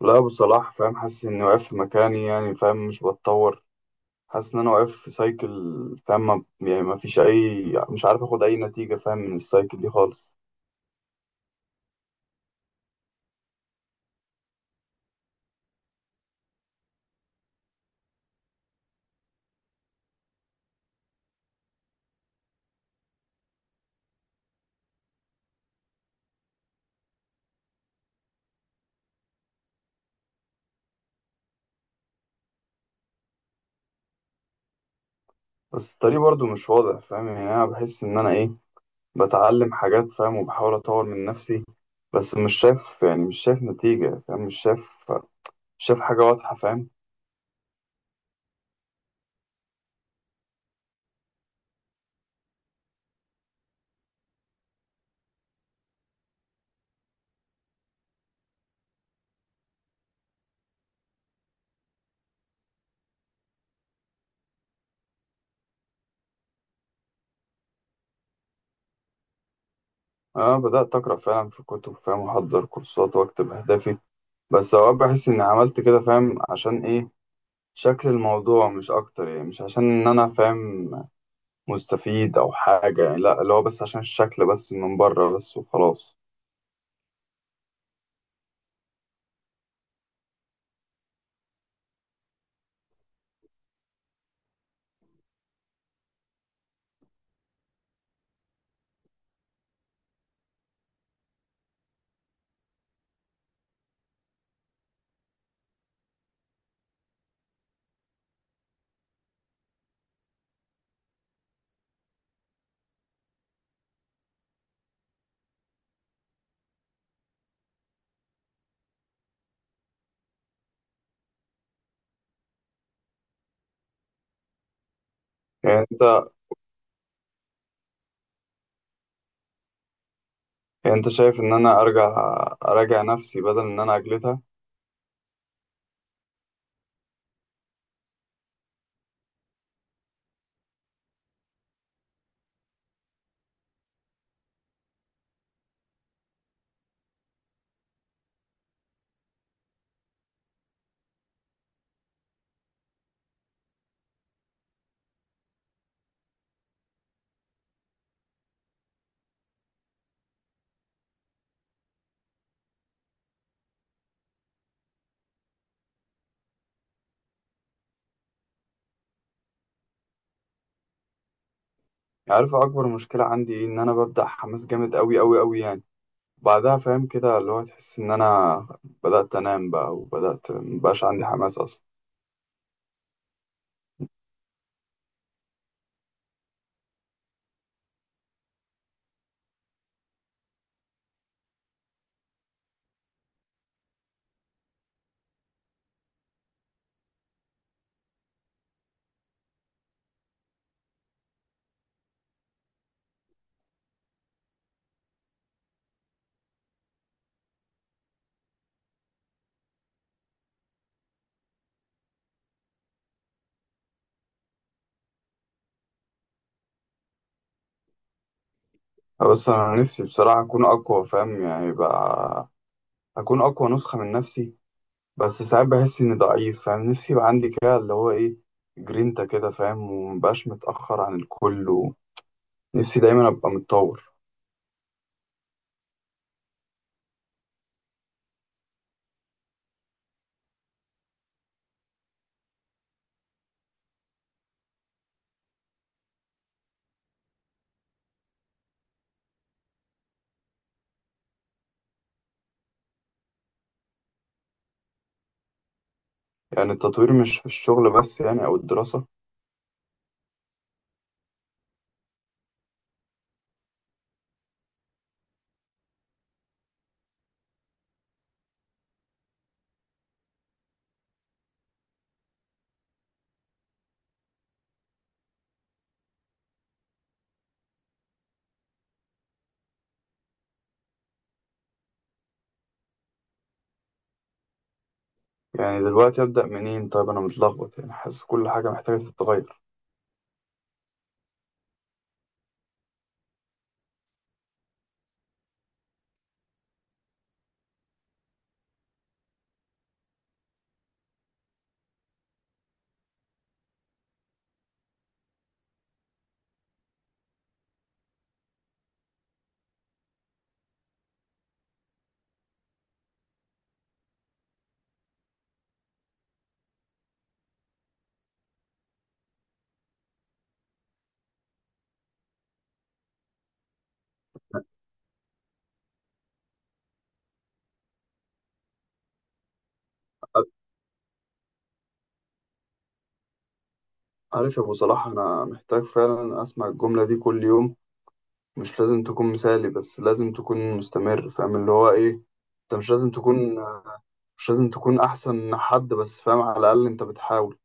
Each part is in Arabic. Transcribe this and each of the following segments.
لا أبو صلاح، فاهم، حاسس إني واقف في مكاني، يعني فاهم مش بتطور. حاسس إن أنا واقف في سايكل. فاهم يعني ما فيش أي، مش عارف آخد أي نتيجة فاهم من السايكل دي خالص. بس الطريق برضو مش واضح، فاهم؟ يعني أنا بحس إن أنا إيه، بتعلم حاجات فاهم وبحاول أطور من نفسي. بس مش شايف، يعني مش شايف نتيجة، فاهم مش شايف، مش شايف حاجة واضحة فاهم. أنا بدأت أقرأ فعلا في كتب فاهم، وأحضر كورسات، وأكتب أهدافي. بس أوقات بحس إني عملت كده فاهم عشان إيه، شكل الموضوع مش اكتر. يعني مش عشان ان انا فاهم مستفيد او حاجة، يعني لا، اللي هو بس عشان الشكل، بس من بره بس وخلاص. يعني انت، يعني انت شايف ان انا اراجع نفسي بدل ان انا اجلدها؟ يعني عارف اكبر مشكلة عندي ايه؟ ان انا ببدأ حماس جامد قوي قوي قوي، يعني بعدها فاهم كده اللي هو، تحس ان انا بدأت انام بقى، وبدأت مبقاش عندي حماس اصلا. بس انا نفسي بصراحة اكون اقوى، فاهم يعني بقى، اكون اقوى نسخة من نفسي. بس ساعات بحس اني ضعيف فاهم، نفسي يبقى عندي كده اللي هو ايه، جرينتا كده فاهم، ومبقاش متأخر عن الكل، ونفسي دايما ابقى متطور. يعني التطوير مش في الشغل بس، يعني او الدراسة؟ يعني دلوقتي ابدأ منين؟ طيب انا متلخبط، يعني حاسس كل حاجة محتاجة تتغير. عارف يا ابو صلاح، انا محتاج فعلا اسمع الجملة دي كل يوم. مش لازم تكون مثالي، بس لازم تكون مستمر، فاهم اللي هو ايه. انت مش لازم تكون، مش لازم تكون احسن حد، بس فاهم على الاقل انت بتحاول.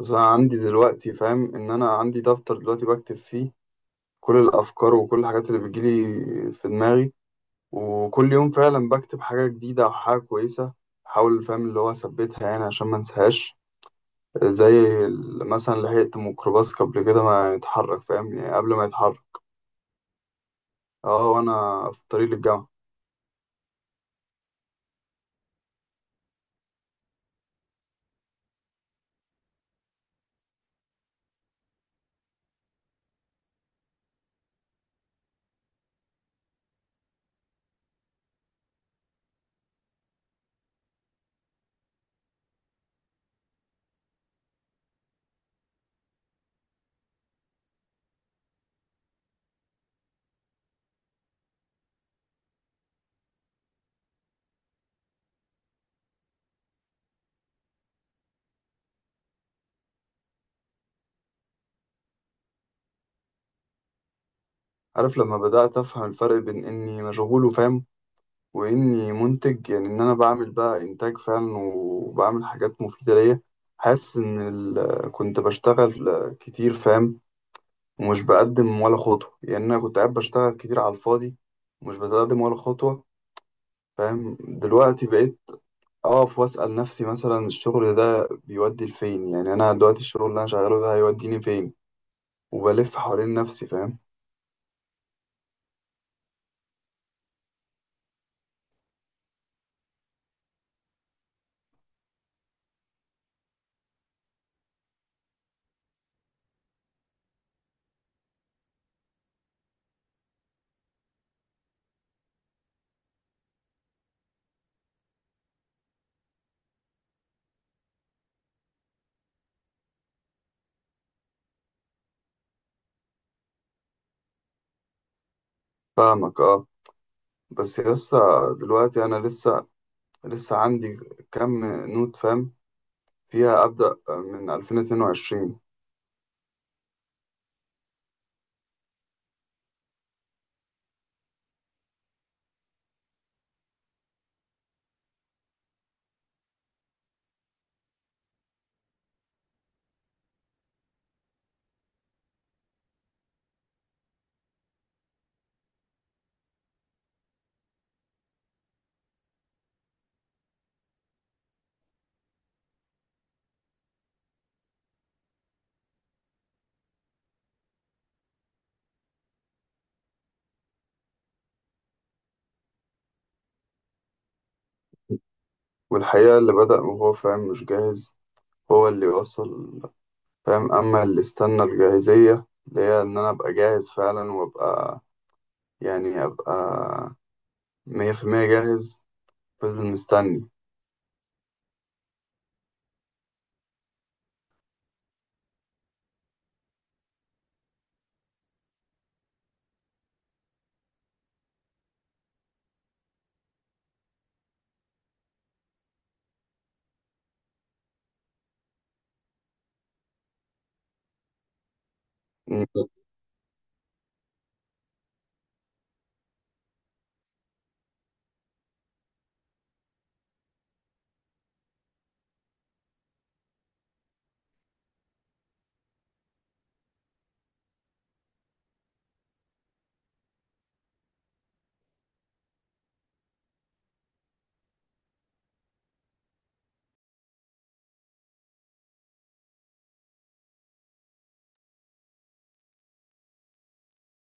بس انا عندي دلوقتي فاهم ان انا عندي دفتر دلوقتي بكتب فيه كل الافكار وكل الحاجات اللي بتجيلي في دماغي. وكل يوم فعلا بكتب حاجه جديده او حاجه كويسه، احاول فاهم اللي هو اثبتها، يعني عشان ما انساهاش. زي مثلا لحقت ميكروباص قبل كده ما يتحرك، فاهم يعني قبل ما يتحرك. اه، وانا في الطريق للجامعه. عارف لما بدات افهم الفرق بين اني مشغول وفاهم، واني منتج، يعني ان انا بعمل بقى انتاج فعلا وبعمل حاجات مفيده ليا. حاسس ان كنت بشتغل كتير فاهم، ومش بقدم ولا خطوه. يعني انا كنت قاعد بشتغل كتير على الفاضي، ومش بتقدم ولا خطوه. فاهم دلوقتي بقيت اقف واسال نفسي مثلا، الشغل ده بيودي لفين؟ يعني انا دلوقتي الشغل اللي انا شغاله ده هيوديني فين؟ وبلف حوالين نفسي فاهم. فاهمك اه. بس لسه، دلوقتي انا لسه عندي كم نوت فاهم، فيها أبدأ من 2022. والحقيقة اللي بدأ وهو فاهم مش جاهز، هو اللي يوصل. فاهم أما اللي استنى الجاهزية، اللي هي إن أنا أبقى جاهز فعلا، وأبقى يعني أبقى 100% جاهز، فضل مستني. أنت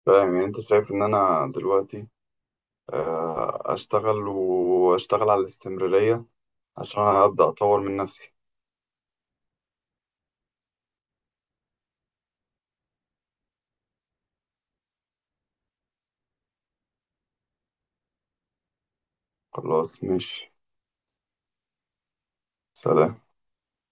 فاهم؟ يعني أنت شايف إن أنا دلوقتي أشتغل وأشتغل على الاستمرارية عشان أبدأ أطور من نفسي؟ خلاص ماشي. سلام.